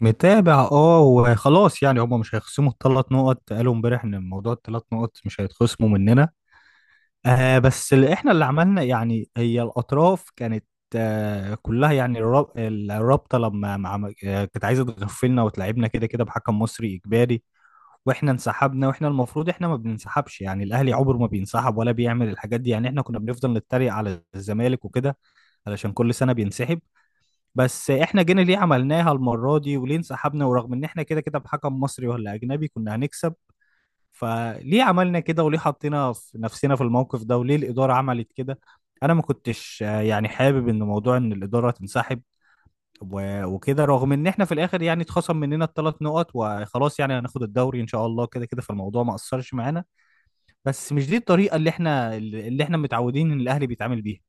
متابع وخلاص يعني هما مش هيخصموا الثلاث نقط. قالوا امبارح ان موضوع الثلاث نقط مش هيتخصموا مننا. بس اللي عملنا يعني هي الاطراف كانت. كلها يعني الرابطه لما كانت عايزه تغفلنا وتلعبنا كده كده بحكم مصري اجباري. واحنا انسحبنا، واحنا المفروض احنا ما بننسحبش يعني. الاهلي عمره ما بينسحب ولا بيعمل الحاجات دي يعني. احنا كنا بنفضل نتريق على الزمالك وكده علشان كل سنه بينسحب. بس احنا جينا ليه عملناها المرة دي؟ وليه انسحبنا ورغم ان احنا كده كده بحكم مصري ولا اجنبي كنا هنكسب؟ فليه عملنا كده؟ وليه حطينا في نفسنا في الموقف ده؟ وليه الإدارة عملت كده؟ انا ما كنتش يعني حابب ان موضوع ان الإدارة تنسحب وكده، رغم ان احنا في الاخر يعني اتخصم مننا الثلاث نقط وخلاص. يعني هناخد الدوري ان شاء الله كده كده، فالموضوع ما اثرش معانا. بس مش دي الطريقة اللي احنا متعودين ان الاهلي بيتعامل بيها.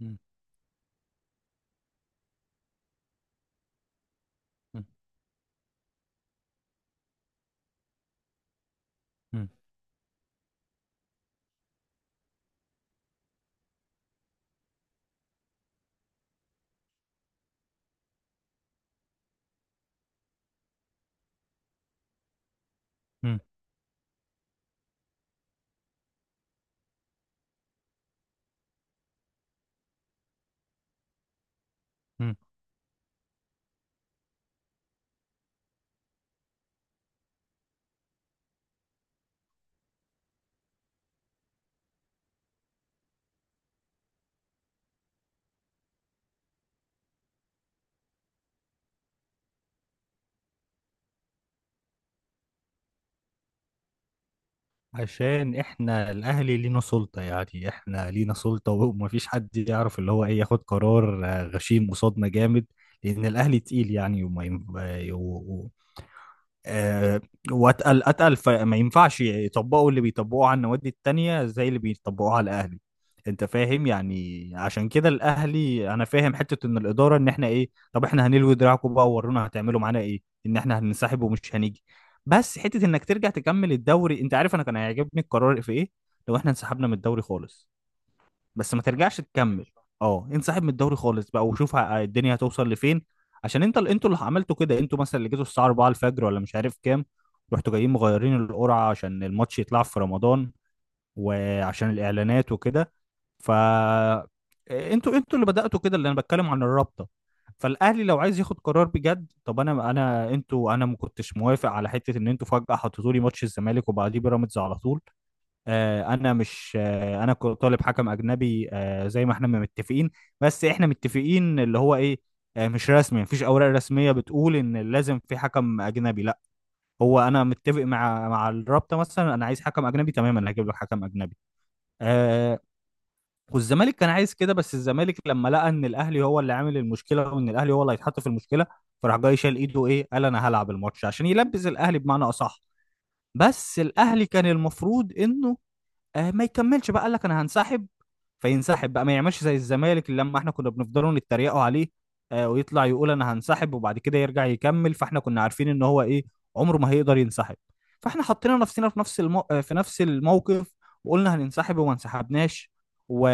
مم. مم. مم. مم. عشان احنا الاهلي لينا سلطة يعني. احنا لينا سلطة ومفيش حد يعرف اللي هو ايه ياخد قرار غشيم قصادنا جامد، لان الاهلي تقيل يعني. وما ين... آه، و... و... آه، واتقل اتقل، فما ينفعش يطبقوا اللي بيطبقوه على النوادي التانية زي اللي بيطبقوه على الاهلي. انت فاهم يعني؟ عشان كده الاهلي انا فاهم حتة ان الادارة ان احنا ايه، طب احنا هنلوي دراعكم بقى وورونا هتعملوا معانا ايه، ان احنا هننسحب ومش هنيجي. بس حته انك ترجع تكمل الدوري، انت عارف انا كان هيعجبني القرار في ايه؟ لو احنا انسحبنا من الدوري خالص. بس ما ترجعش تكمل. اه، انسحب من الدوري خالص بقى، وشوف الدنيا هتوصل لفين. عشان انت اللي انتوا اللي عملتوا كده. انتوا مثلا اللي جيتوا الساعه 4 الفجر ولا مش عارف كام، رحتوا جايين مغيرين القرعه عشان الماتش يطلع في رمضان وعشان الاعلانات وكده. ف آه، انتوا انتوا اللي بدأتوا كده، اللي انا بتكلم عن الرابطة. فالاهلي لو عايز ياخد قرار بجد، طب انا انا انتوا انا ما كنتش موافق على حته ان انتوا فجاه حطيتوا لي ماتش الزمالك وبعديه بيراميدز على طول. انا مش انا كنت طالب حكم اجنبي، زي ما احنا ما متفقين. بس احنا متفقين اللي هو ايه، مش رسمي. مفيش اوراق رسميه بتقول ان لازم في حكم اجنبي، لا. هو انا متفق مع مع الرابطه، مثلا انا عايز حكم اجنبي تماما، هجيب لك حكم اجنبي. آه والزمالك كان عايز كده. بس الزمالك لما لقى ان الاهلي هو اللي عامل المشكله وان الاهلي هو اللي هيتحط في المشكله، فراح جاي شال ايده، ايه، قال انا هلعب الماتش عشان يلبس الاهلي بمعنى اصح. بس الاهلي كان المفروض انه ما يكملش بقى. قال لك انا هنسحب، فينسحب بقى، ما يعملش زي الزمالك اللي لما احنا كنا بنفضلوا نتريقوا عليه. ويطلع يقول انا هنسحب وبعد كده يرجع يكمل. فاحنا كنا عارفين ان هو ايه، عمره ما هيقدر ينسحب. فاحنا حطينا نفسنا في نفس المو... آه، في نفس الموقف، وقلنا هننسحب وما انسحبناش. و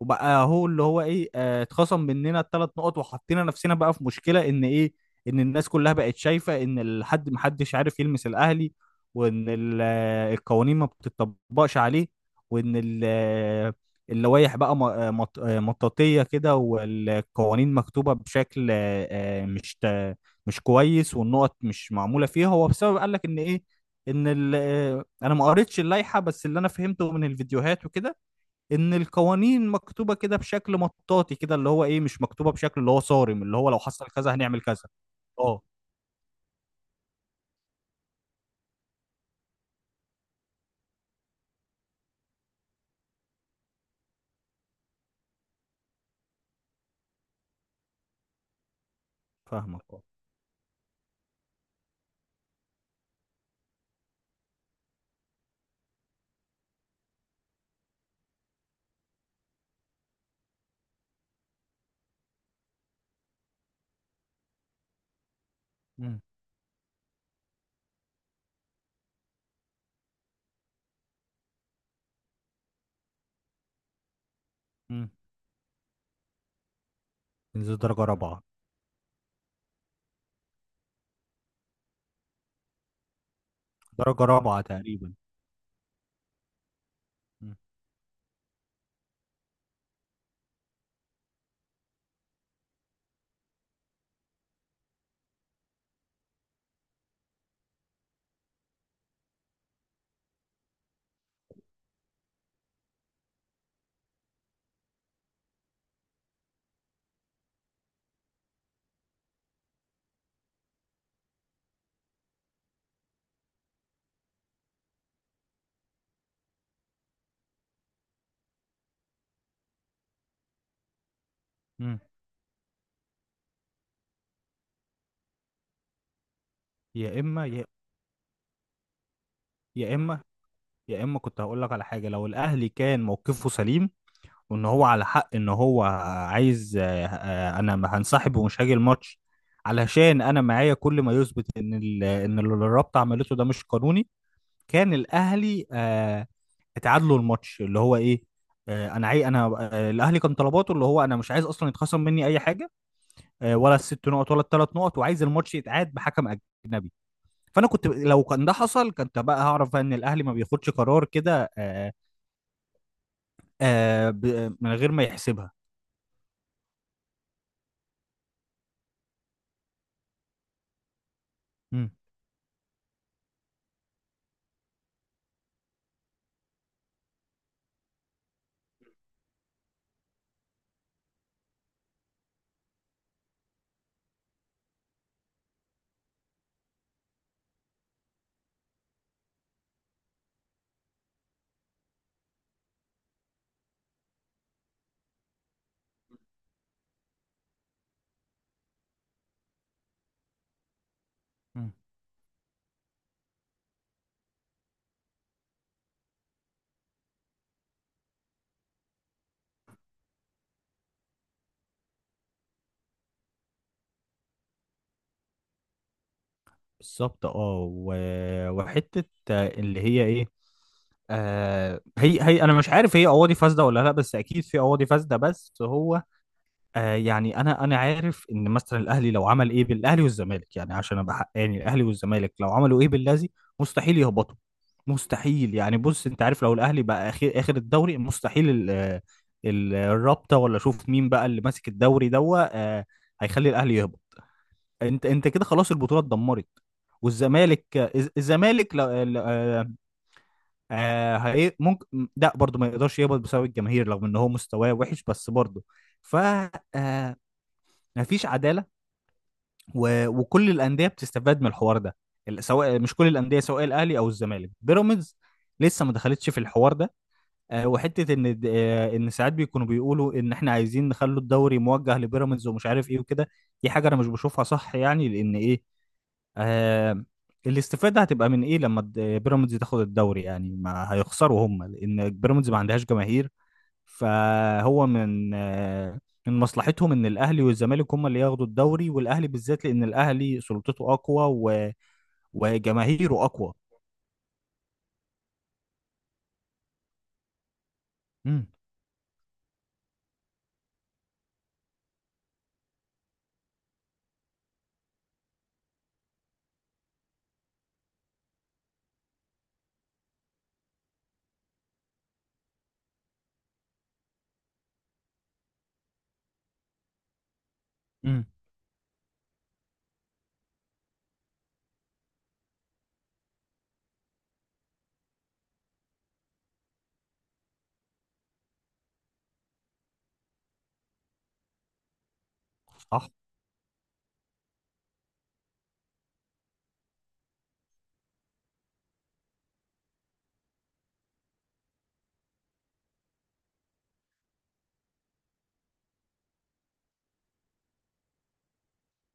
وبقى هو اللي هو ايه، اتخصم مننا الثلاث نقط، وحطينا نفسنا بقى في مشكلة ان ايه، ان الناس كلها بقت شايفة ان الحد محدش عارف يلمس الاهلي، وان القوانين ما بتطبقش عليه، وان اللوائح بقى مطاطية كده، والقوانين مكتوبة بشكل مش كويس، والنقط مش معمولة فيها. هو بسبب قال لك ان ايه، ان انا ما قريتش اللائحة، بس اللي انا فهمته من الفيديوهات وكده ان القوانين مكتوبه كده بشكل مطاطي كده، اللي هو ايه مش مكتوبه بشكل اللي هو صارم، اللي هو لو حصل كذا هنعمل كذا. اه. فاهمك، اه. امم. امم. تنزل درجه رابعه. درجه رابعه تقريبا. امم. امم. يا اما يا. يا اما يا اما كنت هقول لك على حاجه، لو الاهلي كان موقفه سليم، وان هو على حق، ان هو عايز انا ما هنسحب ومش هاجي الماتش علشان انا معايا كل ما يثبت ان ان اللي الرابطه عملته ده مش قانوني. كان الاهلي اتعادلوا الماتش اللي هو ايه، آه، انا عاي انا آه، الاهلي كان طلباته اللي هو انا مش عايز اصلا يتخصم مني اي حاجه، ولا الست نقط ولا الثلاث نقط، وعايز الماتش يتعاد بحكم اجنبي. فانا كنت لو كان ده حصل كنت بقى هعرف بقى ان الاهلي ما بياخدش قرار كده، من غير ما يحسبها. مم. مم. بالظبط، اه. وحته اللي هي ايه، هي انا مش عارف هي قواضي فاسده ولا لا، بس اكيد في قواضي فاسده. بس هو يعني انا عارف ان مثلا الاهلي لو عمل ايه بالاهلي والزمالك، يعني عشان ابقى حقاني، الاهلي والزمالك لو عملوا ايه باللازي، مستحيل يهبطوا. مستحيل يعني. بص انت عارف، لو الاهلي بقى اخر اخر الدوري، مستحيل الرابطه ولا شوف مين بقى اللي ماسك الدوري دوا، هيخلي الاهلي يهبط. انت انت كده خلاص البطوله اتدمرت. والزمالك الزمالك آه، ممكن لا برضه ما يقدرش يهبط بسبب الجماهير رغم ان هو مستواه وحش، بس برضه. ف آه، مفيش عداله. وكل الانديه بتستفاد من الحوار ده. سواء مش كل الانديه، سواء الاهلي او الزمالك. بيراميدز لسه ما دخلتش في الحوار ده. وحته ان ان ساعات بيكونوا بيقولوا ان احنا عايزين نخلوا الدوري موجه لبيراميدز ومش عارف ايه وكده. دي حاجه انا مش بشوفها صح يعني، لان ايه، آه الاستفاده هتبقى من ايه لما بيراميدز تاخد الدوري؟ يعني ما هيخسروا هم، لان بيراميدز ما عندهاش جماهير. فهو من مصلحتهم ان الاهلي والزمالك هم اللي ياخدوا الدوري، والاهلي بالذات، لان الاهلي سلطته اقوى وجماهيره اقوى. امم. امم. صح.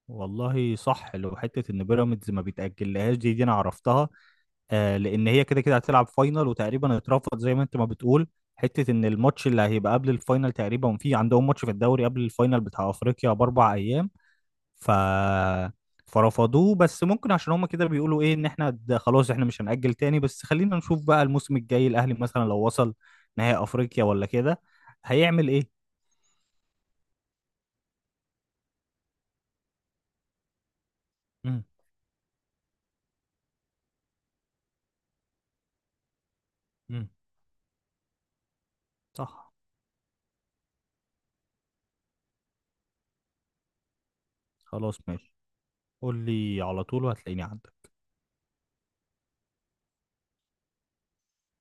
والله صح، لو حته ان بيراميدز ما بيتاجلهاش، دي انا عرفتها. لان هي كده كده هتلعب فاينل، وتقريبا اترفض زي ما انت ما بتقول. حته ان الماتش اللي هيبقى قبل الفاينل، تقريبا في عندهم ماتش في الدوري قبل الفاينل بتاع افريقيا باربع ايام، ف فرفضوه. بس ممكن عشان هما كده بيقولوا ايه، ان احنا ده خلاص احنا مش هنأجل تاني. بس خلينا نشوف بقى الموسم الجاي الاهلي مثلا لو وصل نهائي افريقيا ولا كده، هيعمل ايه. امم. امم. صح. خلاص، ماشي. قول لي على طول وهتلاقيني عندك.